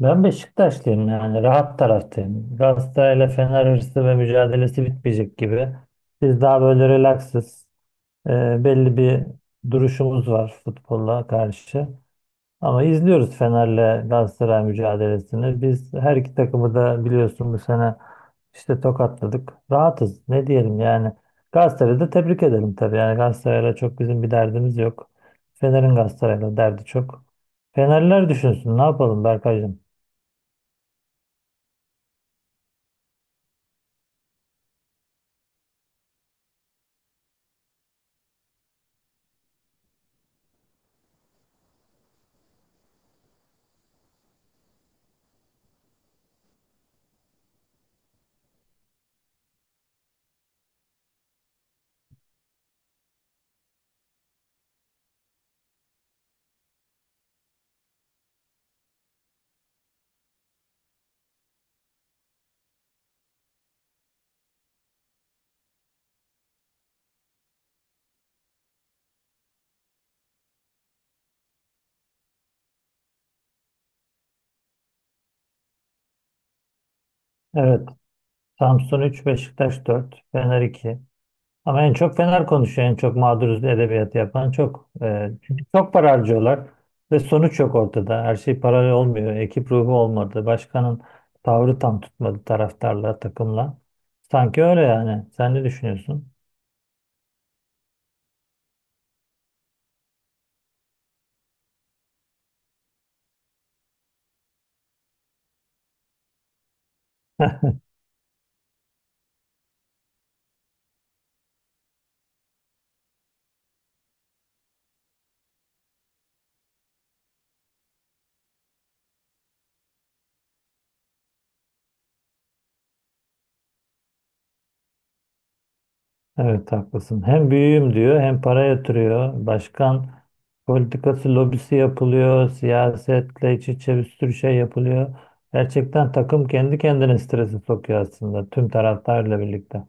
Ben Beşiktaşlıyım yani rahat taraftayım. Galatasaray'la Fener hırsı ve mücadelesi bitmeyecek gibi. Biz daha böyle relaksız, e, belli bir duruşumuz var futbolla karşı. Ama izliyoruz Fener'le Galatasaray mücadelesini. Biz her iki takımı da biliyorsun bu sene işte tokatladık. Rahatız ne diyelim yani. Galatasaray'ı da tebrik edelim tabii. Yani Galatasaray'la çok bizim bir derdimiz yok. Fener'in Galatasaray'la derdi çok. Fenerler düşünsün ne yapalım Berkaycığım. Evet. Samsun 3, Beşiktaş 4, Fener 2. Ama en çok Fener konuşuyor. En çok mağduruz edebiyatı yapan çok. Çünkü çok para harcıyorlar ve sonuç yok ortada. Her şey paralel olmuyor. Ekip ruhu olmadı. Başkanın tavrı tam tutmadı taraftarla, takımla. Sanki öyle yani. Sen ne düşünüyorsun? Evet haklısın. Hem büyüğüm diyor hem para yatırıyor. Başkan politikası lobisi yapılıyor. Siyasetle iç içe bir sürü şey yapılıyor. Gerçekten takım kendi kendine stresi sokuyor aslında tüm taraftarla birlikte.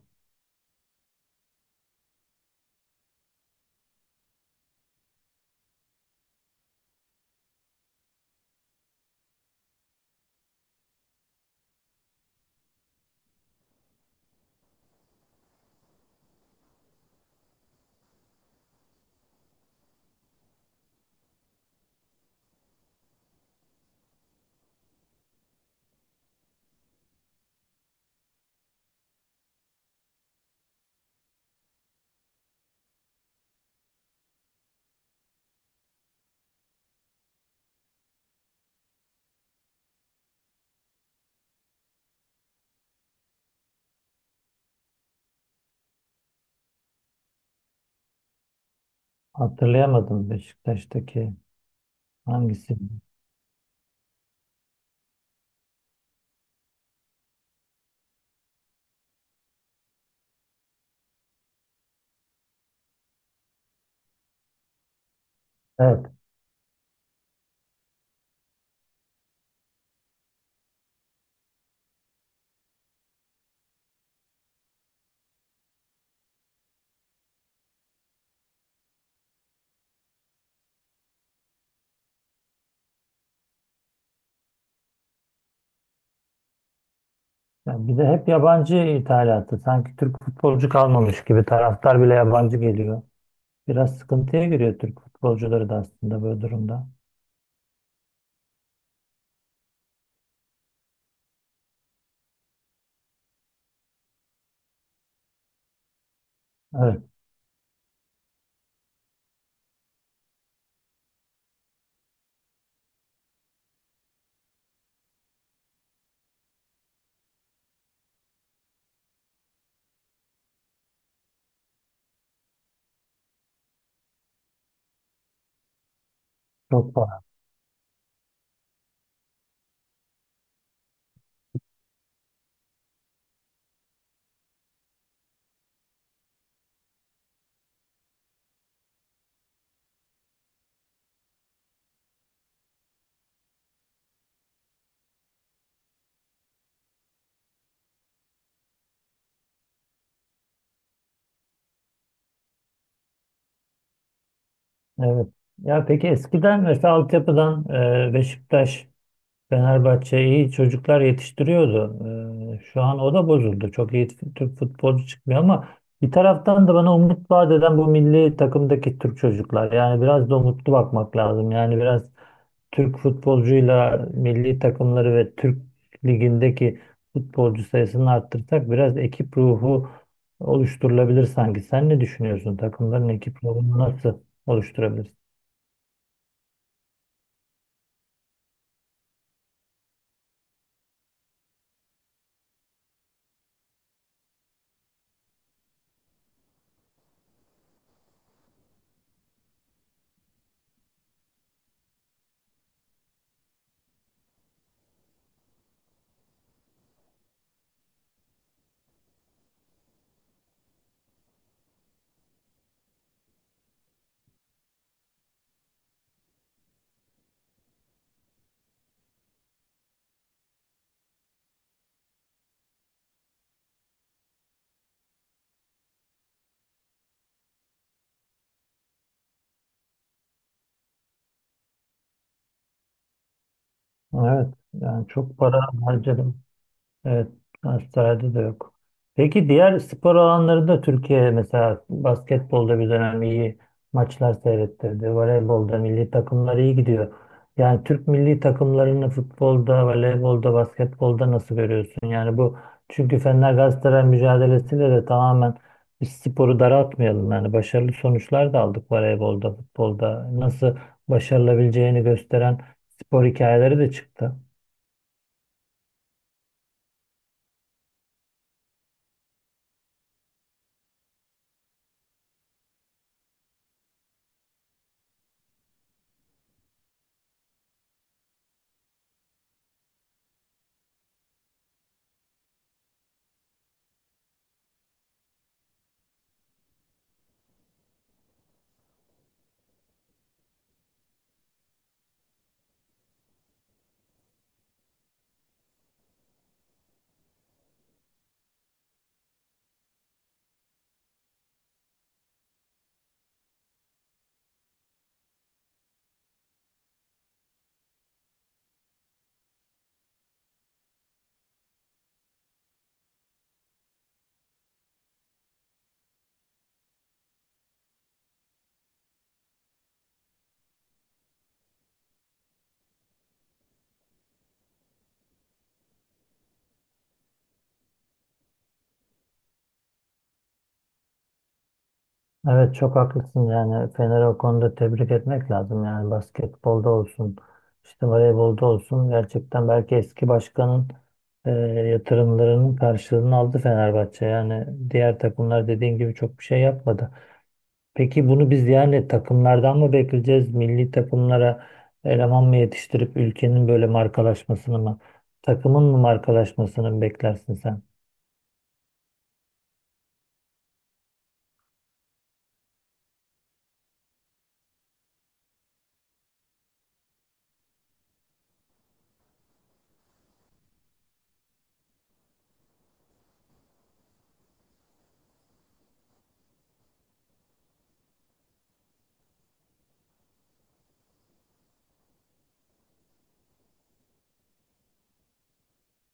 Hatırlayamadım, Beşiktaş'taki hangisi? Evet. Ya bir de hep yabancı ithalatı. Sanki Türk futbolcu kalmamış gibi taraftar bile yabancı geliyor. Biraz sıkıntıya giriyor Türk futbolcuları da aslında böyle durumda. Evet. Çok fazla. Evet. Ya peki eskiden mesela altyapıdan Beşiktaş, Fenerbahçe iyi çocuklar yetiştiriyordu. Şu an o da bozuldu. Çok iyi Türk futbolcu çıkmıyor ama bir taraftan da bana umut vaat eden bu milli takımdaki Türk çocuklar. Yani biraz da umutlu bakmak lazım. Yani biraz Türk futbolcuyla milli takımları ve Türk ligindeki futbolcu sayısını arttırsak biraz ekip ruhu oluşturulabilir sanki. Sen ne düşünüyorsun? Takımların ekip ruhunu nasıl oluşturabilir? Evet, yani çok para harcadım. Evet, transferde de yok. Peki diğer spor alanlarında Türkiye mesela basketbolda bir dönem iyi maçlar seyrettirdi. Voleybolda milli takımlar iyi gidiyor. Yani Türk milli takımlarını futbolda, voleybolda, basketbolda nasıl görüyorsun? Yani bu, çünkü Fener Galatasaray mücadelesiyle de tamamen biz sporu daraltmayalım. Yani başarılı sonuçlar da aldık voleybolda, futbolda. Nasıl başarılabileceğini gösteren spor hikayeleri de çıktı. Evet çok haklısın, yani Fener'i o konuda tebrik etmek lazım. Yani basketbolda olsun işte voleybolda olsun, gerçekten belki eski başkanın yatırımlarının karşılığını aldı Fenerbahçe. Yani diğer takımlar dediğin gibi çok bir şey yapmadı. Peki bunu biz yani takımlardan mı bekleyeceğiz, milli takımlara eleman mı yetiştirip ülkenin böyle markalaşmasını mı, takımın mı markalaşmasını mı beklersin sen?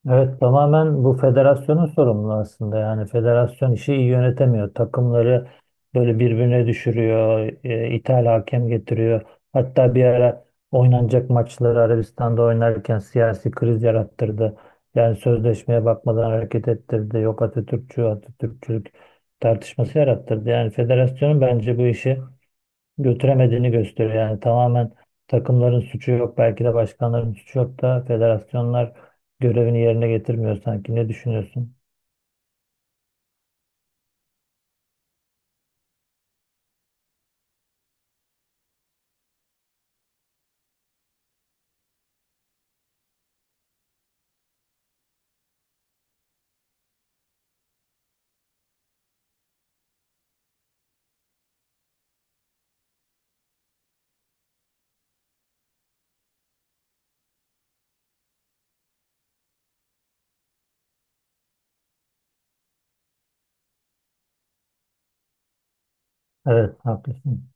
Evet tamamen bu federasyonun sorumlu aslında. Yani federasyon işi iyi yönetemiyor. Takımları böyle birbirine düşürüyor. E, ithal hakem getiriyor. Hatta bir ara oynanacak maçları Arabistan'da oynarken siyasi kriz yarattırdı. Yani sözleşmeye bakmadan hareket ettirdi. Yok Atatürkçü, Atatürkçülük tartışması yarattırdı. Yani federasyonun bence bu işi götüremediğini gösteriyor. Yani tamamen takımların suçu yok, belki de başkanların suçu yok da federasyonlar görevini yerine getirmiyor sanki. Ne düşünüyorsun? Evet, haklısın.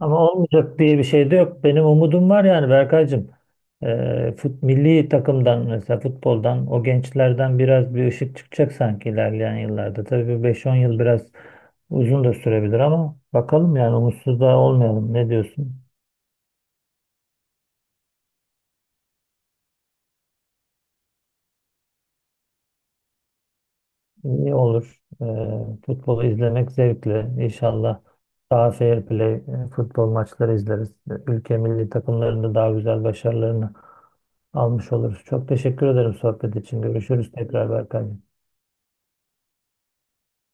Ama olmayacak diye bir şey de yok. Benim umudum var yani Berkaycığım. Milli takımdan mesela futboldan o gençlerden biraz bir ışık çıkacak sanki ilerleyen yıllarda. Tabii bir beş on yıl biraz uzun da sürebilir ama bakalım yani umutsuz da olmayalım. Ne diyorsun? İyi olur. Futbolu izlemek zevkli. İnşallah daha fair play, futbol maçları izleriz. Ülke milli takımlarında daha güzel başarılarını almış oluruz. Çok teşekkür ederim sohbet için. Görüşürüz tekrar Berkay.